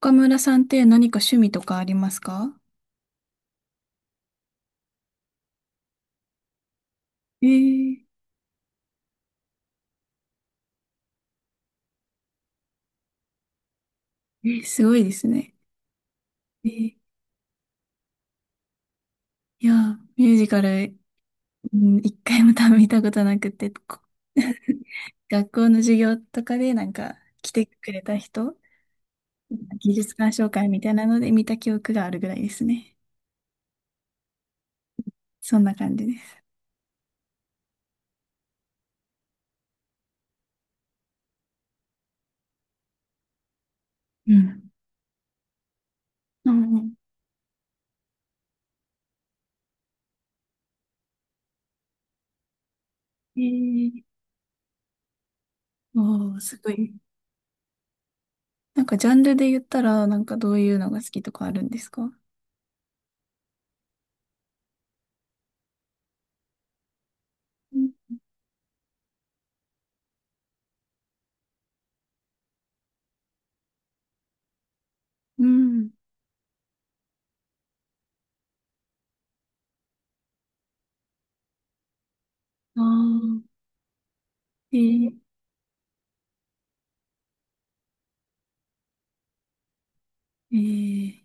岡村さんって何か趣味とかありますか？えーえ、すごいですね。えーいやー、ミュージカル、うん、一回も多分見たことなくて、こ 学校の授業とかでなんか来てくれた人、技術鑑賞会みたいなので見た記憶があるぐらいですね。そんな感じです。うん。うん。えー、おー、すごい。なんかジャンルで言ったら、なんかどういうのが好きとかあるんですか？うん。うん。ああ、えー、ええ、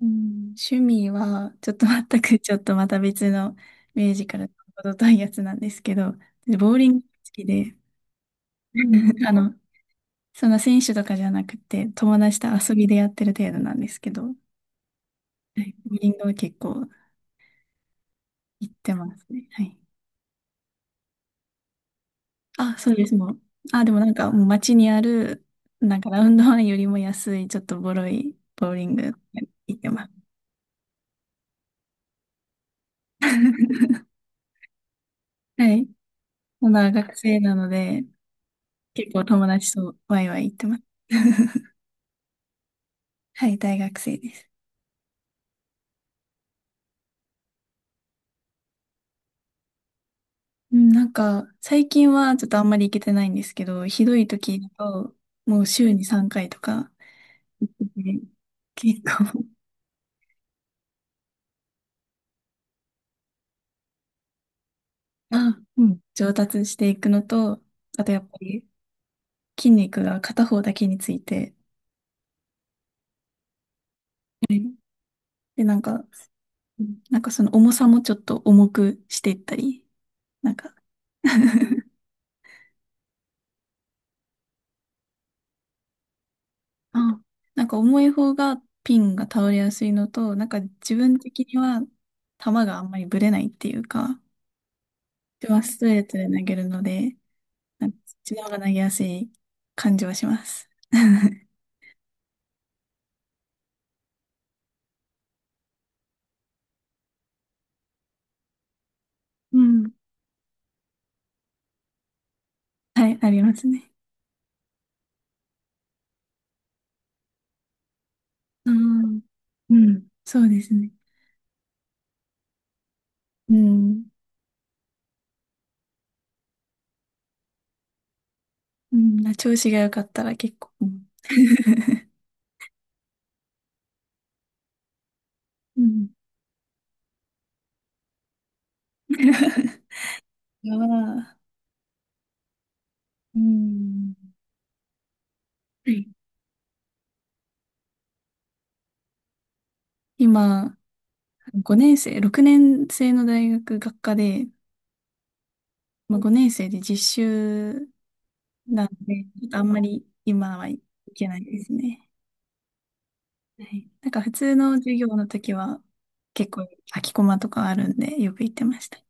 うん、趣味は、ちょっと全く、ちょっとまた別のミュージカルの程遠いやつなんですけど、ボーリングが好きで、あの、そんな選手とかじゃなくて、友達と遊びでやってる程度なんですけど、はい、ボーリングは結構行ってますね。はい。あ、そうです、もう。あ、でもなんか、もう街にある、なんかラウンドワンよりも安い、ちょっとボロいボーリング行ってます。はい。まだ学生なので、結構友達とワイワイ行ってます。はい、大学生です。最近はちょっとあんまり行けてないんですけど、ひどい時だと、もう週に3回とか、で結構。 あ、うん、上達していくのと、あとやっぱり筋肉が片方だけについて、はい。で、なんか、うん、なんかその重さもちょっと重くしていったり、なんか。 あ、なんか重い方がピンが倒れやすいのと、なんか自分的には球があんまりぶれないっていうか、自分はストレートで投げるので、なんかそっちの方が投げやすい感じはします。うん。はい、ありますね。うん。うん。そうですね。うん。うん。調子が良かったら結構。うん。うん。は、うん。はい。今、5年生、6年生の大学学科で、まあ、5年生で実習なんで、ちょっとあんまり今はいけないですね。はい。なんか普通の授業の時は結構空きコマとかあるんでよく行ってました。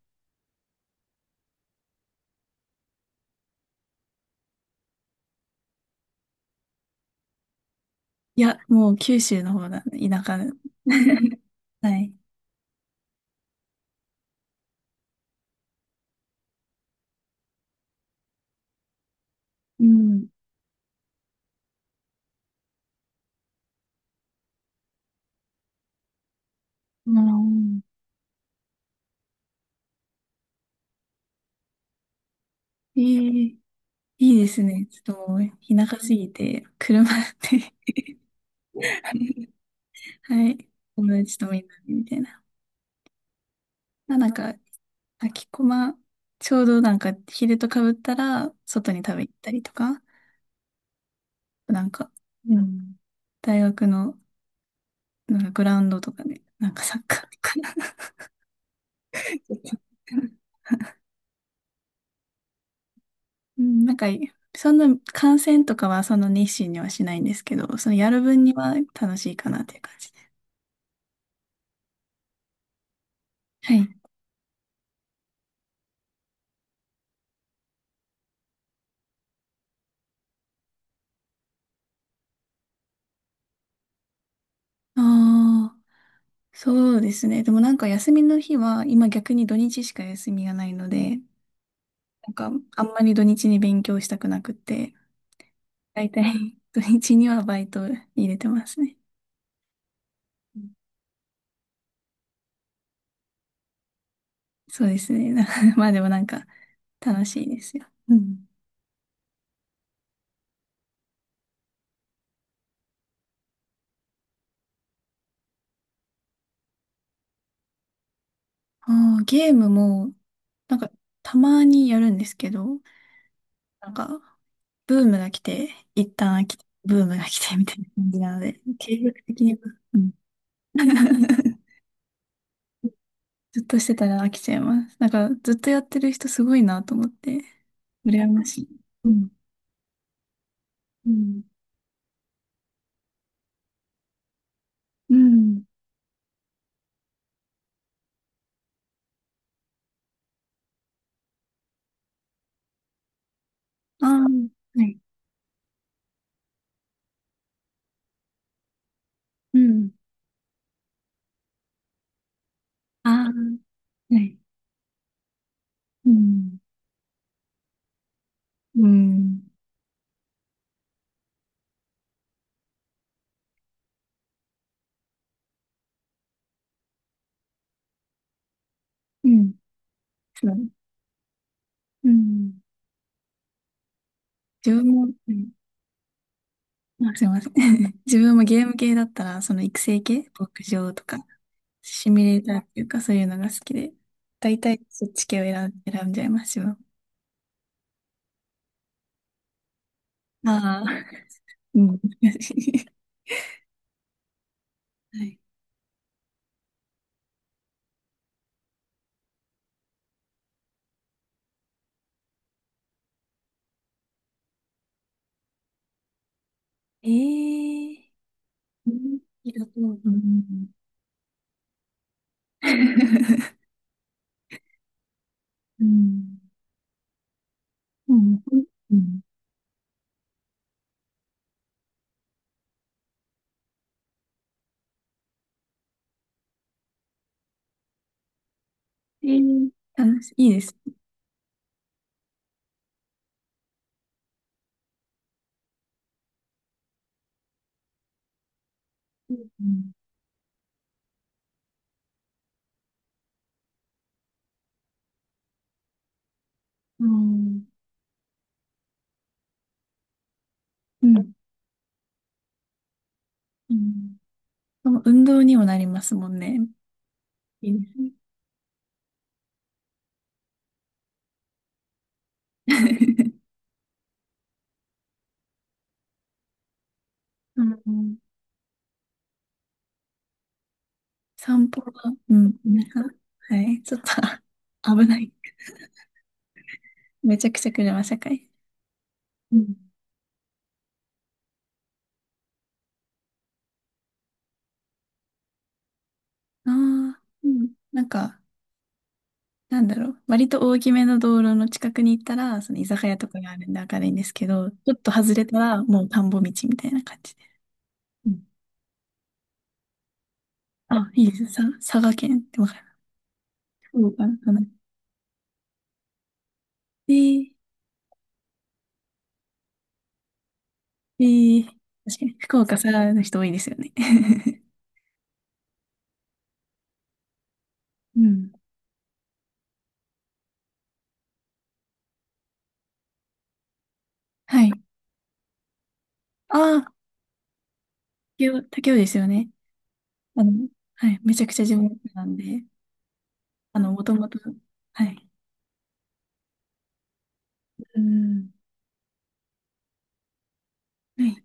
いや、もう九州の方だ、田舎。はい。うん。うん。ええ、いいですね。ちょっともう田舎すぎて、車で。 はい。友達とみんなでみたいな。まあなんか、きこま、ちょうどなんか昼とかぶったら、外に食べ行ったりとか、なんか、うん、大学のなんかグラウンドとかで、なんかサッカーとかなんか。うん、なんか、そんな観戦とかはその熱心にはしないんですけど、そのやる分には楽しいかなっていう感じで。はい。ああ、そうですね。でもなんか休みの日は、今逆に土日しか休みがないので、なんかあんまり土日に勉強したくなくって、大体、土日にはバイト入れてますね。うん。そうですね。な まあでもなんか、楽しいですよ。うん。あー、ゲームも、なんか、たまにやるんですけど、なんか、ブームが来て、一旦飽きて、ブームが来てみたいな感じなので、継続的には。うん。ずっとしてたら飽きちゃいます。なんか、ずっとやってる人すごいなと思って、羨ましい。うん。うん。うん。ああ、はい。うん。ああ、はい。うん。うん。うん。そう。うん。自分も、うん。あ、すいません。自分もゲーム系だったら、その育成系、牧場とか、シミュレーターっていうか、そういうのが好きで、大体そっち系を選ん、選んじゃいます、自分。ああ。うん。難しい。はい。ええー。うんだとう。うん。うん。うん。うん。ええー、楽しい。いいです。うん。うん。うん。うん、そう、運動にもなりますもんね。いいですね。うん。散歩は、うん、なんか。 はい、ちょっと。 危ない。めちゃくちゃ車社会。うん。ああ、うん、なんか、なんだろう。割と大きめの道路の近くに行ったら、その居酒屋とかがあるんで明るいんですけど、ちょっと外れたらもう田んぼ道みたいな感じで。うん。あ、いいです。さ、佐賀県ってわかる？福岡かな。えー、えー、確かに福岡佐賀の人多いですよね。うん。はい。ああ、竹雄、竹雄ですよね。あの、はい、めちゃくちゃ地元なんで、あの、もともと、はい。うん。はい。